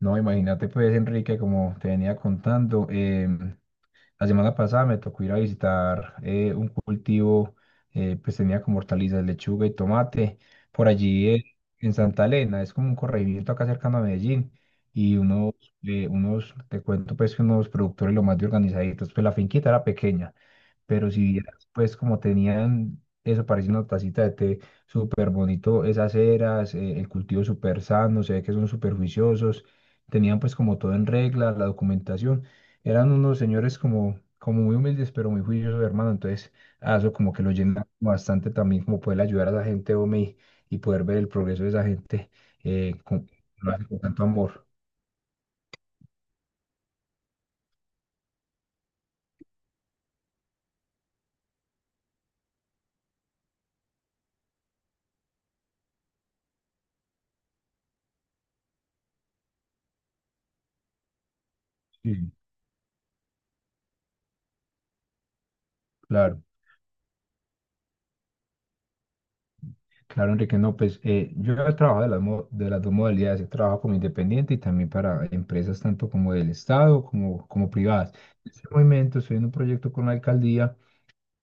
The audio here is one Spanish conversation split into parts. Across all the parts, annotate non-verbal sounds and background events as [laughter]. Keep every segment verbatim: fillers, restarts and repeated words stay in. No, imagínate pues, Enrique, como te venía contando, em, la semana pasada me tocó ir a visitar eh, un cultivo. Eh, pues tenía como hortalizas, lechuga y tomate, por allí eh, en Santa Elena. Es como un corregimiento acá cercano a Medellín, y unos, eh, unos, te cuento pues que unos productores lo más de organizaditos. Pues la finquita era pequeña, pero si vieras, pues como tenían eso, parece una tacita de té súper bonito. Esas eras, eh, el cultivo súper sano. Se ve que son súper juiciosos, tenían pues como todo en regla, la documentación. Eran unos señores como, como muy humildes, pero muy juiciosos, hermano. Entonces a eso como que lo llena bastante también, como poder ayudar a la gente, hombre, y, y poder ver el progreso de esa gente. eh, con, lo hace con tanto amor. Sí, claro. Claro, Enrique, no, pues eh, yo he trabajado de las, mo- de las dos modalidades. He trabajado como independiente y también para empresas tanto como del Estado como, como privadas. En este momento estoy en un proyecto con la alcaldía.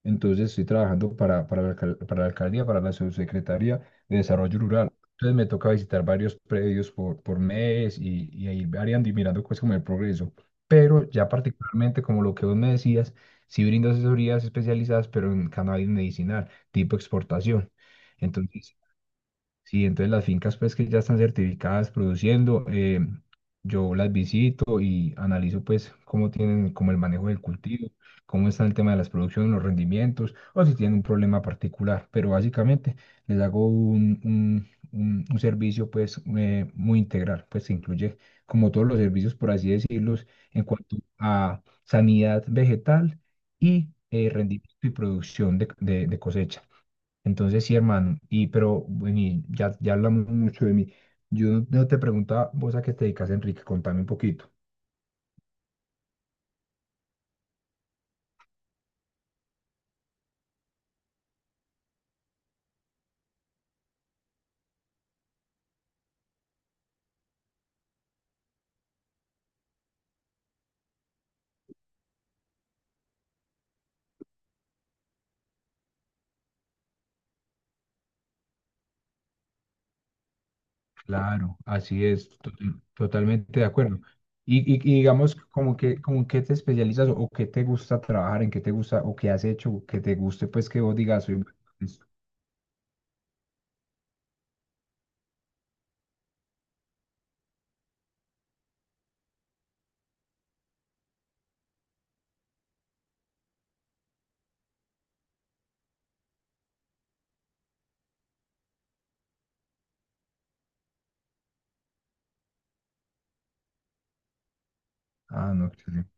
Entonces estoy trabajando para, para la, alcal- para la alcaldía, para la subsecretaría de Desarrollo Rural. Entonces me toca visitar varios predios por, por mes y, y ahí variando y mirando cosas como el progreso. Pero ya particularmente como lo que vos me decías, sí brindo asesorías especializadas, pero en cannabis medicinal, tipo exportación. Entonces, sí, entonces las fincas pues que ya están certificadas produciendo, eh, yo las visito y analizo pues cómo tienen como el manejo del cultivo. Cómo está el tema de las producciones, los rendimientos o si tienen un problema particular. Pero básicamente les hago un, un- un- un servicio pues eh, muy integral. Pues que incluye como todos los servicios por así decirlos en cuanto a sanidad vegetal y eh, rendimiento y producción de de- de cosecha. Entonces, sí, hermano, y pero bueno, y ya, ya hablamos mucho de mí. Yo no te preguntaba, vos a qué te dedicas, Enrique, contame un poquito. Claro, así es, to- totalmente de acuerdo. Y, y- y digamos, como que, como qué te especializas o qué te gusta trabajar, en qué te gusta o qué has hecho, que te guste, pues que vos digas, soy bueno en esto". Ah, no, excelente.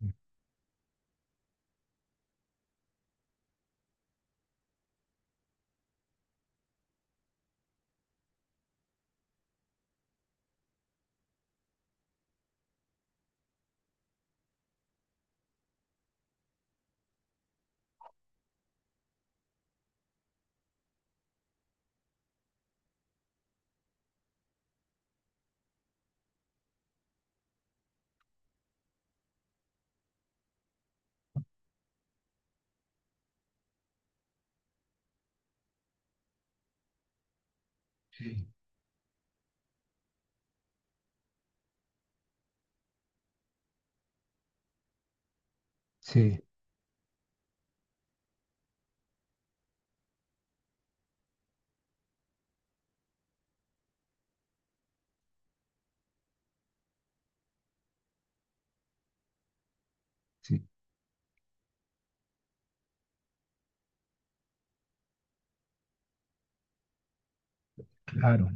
Sí, sí, sí, claro,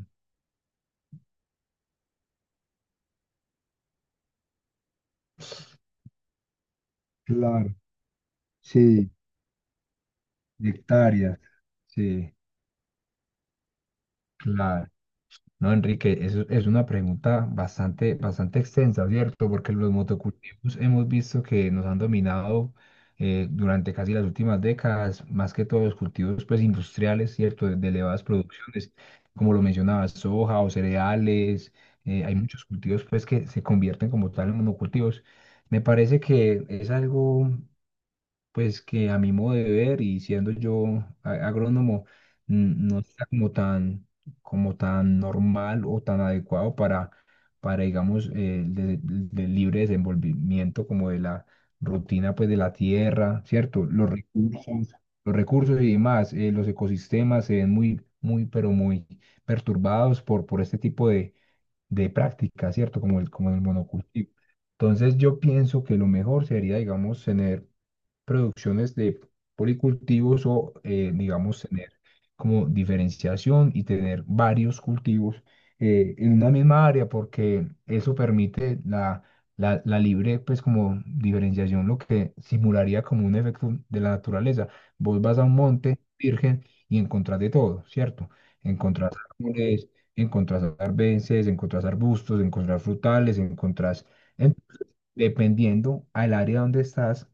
claro, sí, de hectáreas, sí, claro. No, Enrique, eso es una pregunta bastante, bastante extensa, ¿cierto? Porque los motocultivos hemos visto que nos han dominado eh, durante casi las últimas décadas. Más que todos los cultivos pues, industriales, ¿cierto? De, de elevadas producciones, como lo mencionabas, soja o cereales, eh, hay muchos cultivos pues, que se convierten como tal en monocultivos. Me parece que es algo pues que a mi modo de ver y siendo yo a- agrónomo, n- no está como tan, como tan normal o tan adecuado para, para digamos, eh, el de- el del libre desenvolvimiento como de la rutina, pues de la tierra, ¿cierto? Los recursos, los recursos y demás, eh, los ecosistemas se ven muy, muy, pero muy perturbados por, por este tipo de, de prácticas, ¿cierto? Como el, como el monocultivo. Entonces yo pienso que lo mejor sería, digamos, tener producciones de policultivos o, eh, digamos, tener como diferenciación y tener varios cultivos eh, en una misma área, porque eso permite la, la, la libre, pues como diferenciación. Lo que simularía como un efecto de la naturaleza. Vos vas a un monte virgen y encontrás de todo, ¿cierto? Encontrás árboles, encontrás arbences, encontrás arbustos, encontrás frutales, encontrás, en- dependiendo al área donde estás,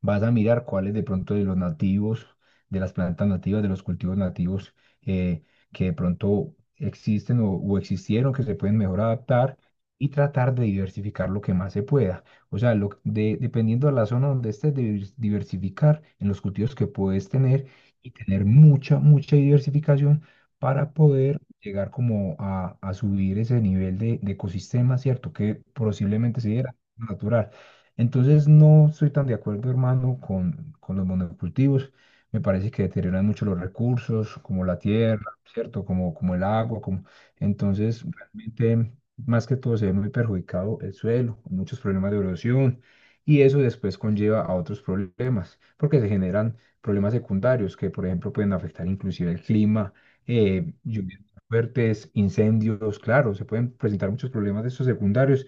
vas a mirar cuáles de pronto de los nativos, de las plantas nativas, de los cultivos nativos eh, que de pronto existen o, o existieron, que se pueden mejor adaptar y tratar de diversificar lo que más se pueda. O sea, lo, de, dependiendo de la zona donde estés, divers- diversificar en los cultivos que puedes tener y tener mucha, mucha diversificación para poder llegar como a, a subir ese nivel de, de ecosistema, ¿cierto? Que posiblemente se diera natural. Entonces no estoy tan de acuerdo, hermano, con, con los monocultivos. Me parece que deterioran mucho los recursos, como la tierra, ¿cierto? Como, como el agua, como... Entonces, realmente, más que todo, se ve muy perjudicado el suelo, muchos problemas de erosión. Y eso después conlleva a otros problemas, porque se generan problemas secundarios que, por ejemplo, pueden afectar inclusive el clima, eh, lluvias fuertes, incendios, claro, se pueden presentar muchos problemas de estos secundarios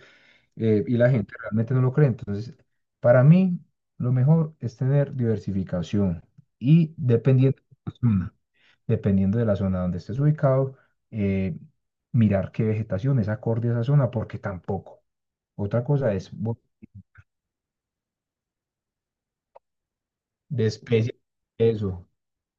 eh, y la gente realmente no lo cree. Entonces, para mí, lo mejor es tener diversificación y dependiendo de la zona, dependiendo de la zona donde estés ubicado, eh, mirar qué vegetación es acorde a esa zona, porque tampoco. Otra cosa es bo- de especies, eso.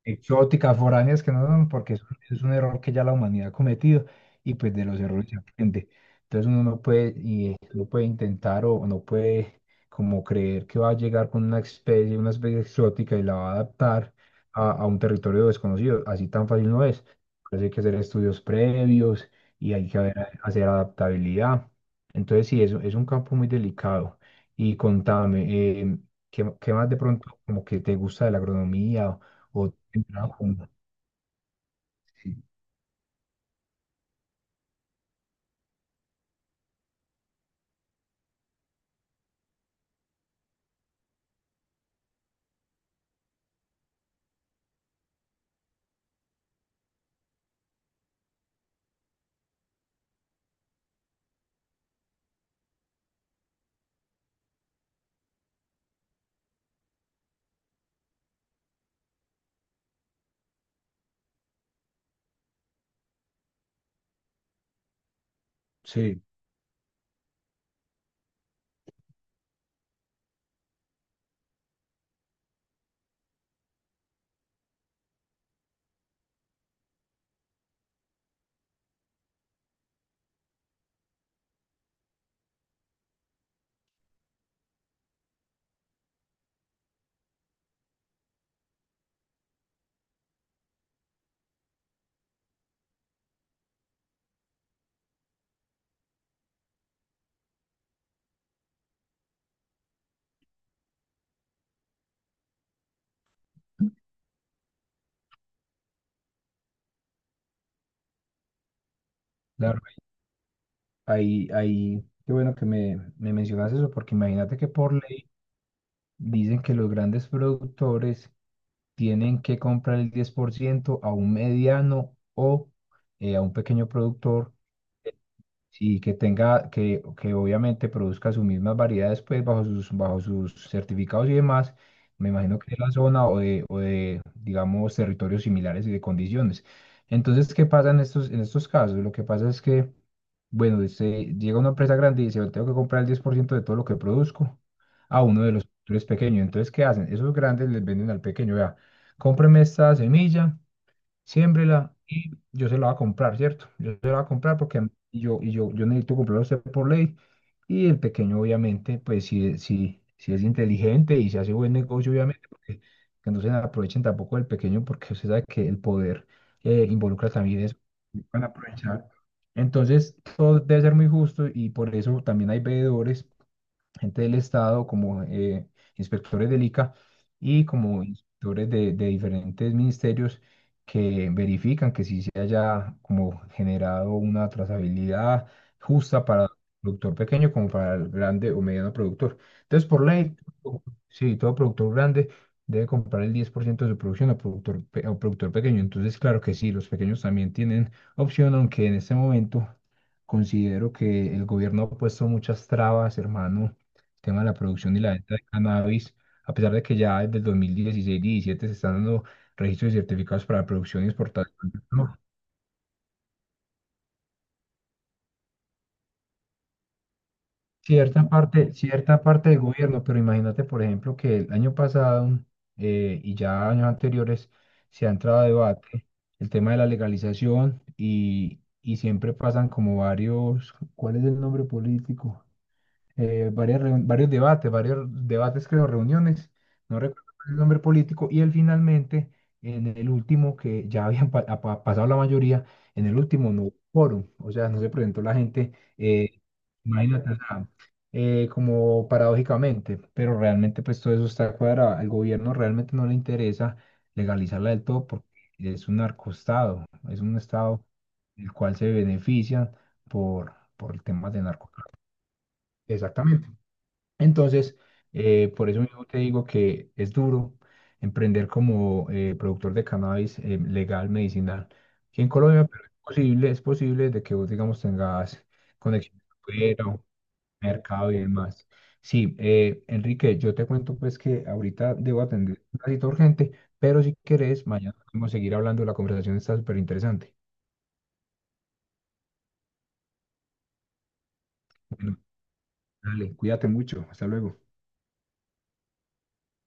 Exóticas, foráneas que no son, porque eso es un error que ya la humanidad ha cometido y pues de los errores se aprende. Entonces uno no puede, y no puede intentar o no puede como creer que va a llegar con una especie, una especie exótica y la va a adaptar a, a un territorio desconocido. Así tan fácil no es. Por hay que hacer estudios previos y hay que haber- hacer adaptabilidad. Entonces sí, es, es un campo muy delicado. Y contame, em, ¿qué, qué más de pronto como que te gusta de la agronomía? ¿O en trabajo, no? Sí, sí, claro. Ahí, ahí, qué bueno que me, me mencionas eso, porque imagínate que por ley dicen que los grandes productores tienen que comprar el diez por ciento a un mediano o eh, a un pequeño productor. Sí, que tenga, que, que obviamente produzca sus mismas variedades, pues bajo sus, bajo sus certificados y demás. Me imagino que de la zona o de, o de, digamos, territorios similares y de condiciones. Entonces, ¿qué pasa en estos, en estos casos? Lo que pasa es que, bueno, se llega una empresa grande y dice, "Yo tengo que comprar el diez por ciento de todo lo que produzco a uno de los productores pequeños". Entonces, ¿qué hacen? Esos grandes les venden al pequeño, vea, cómpreme esta semilla, siémbrela y yo se la voy a comprar, ¿cierto? Yo se la voy a comprar porque a mí- yo, y yo, yo necesito comprarla a usted por ley. Y el pequeño, obviamente, pues si, si, si es inteligente y se hace buen negocio, obviamente, porque que no se aprovechen tampoco del pequeño, porque usted sabe que el poder eh, involucra también eso, van a aprovechar. Entonces, todo debe ser muy justo y por eso también hay veedores, gente del Estado, como eh, inspectores del I C A y como inspectores de, de diferentes ministerios que verifican que sí se haya como generado una trazabilidad justa para el productor pequeño como para el grande o mediano productor. Entonces, por ley, sí, todo productor grande debe comprar el diez por ciento de su producción a productor, pe- a productor pequeño. Entonces, claro que sí, los pequeños también tienen opción, aunque en este momento... Considero que el gobierno ha puesto muchas trabas, hermano, tema de la producción y la venta de cannabis, a pesar de que ya desde el dos mil dieciséis y dos mil diecisiete se están dando registros y certificados para la producción y exportación. No, cierta parte, cierta parte del gobierno, pero imagínate, por ejemplo, que el año pasado eh, y ya años anteriores se ha entrado a debate el tema de la legalización y, y siempre pasan como varios, ¿cuál es el nombre político? Eh, varias reun- varios debates, varios debates, creo, reuniones. No recuerdo el nombre político, y él finalmente, en el último, que ya [laughs] habían pa- a- pa- pasado la mayoría. En el último no hubo quórum, o sea, no se presentó la gente, eh, imagínate, o sea, eh, como paradójicamente, pero realmente pues todo eso está cuadrado. Al gobierno realmente no le interesa legalizarla del todo porque es un narcoestado, es un estado el cual se benefician por, por temas de narcotráfico. Exactamente. Entonces, eh, por eso mismo te digo que es duro emprender como eh, productor de cannabis eh, legal, medicinal, aquí en Colombia, pero es posible, es posible de que vos, digamos, tengas conexión con mercado y demás. Sí, eh, Enrique, yo te cuento pues que ahorita debo atender una cita urgente, pero si querés, mañana podemos seguir hablando. La conversación está súper interesante. Bueno, dale, cuídate mucho, hasta luego.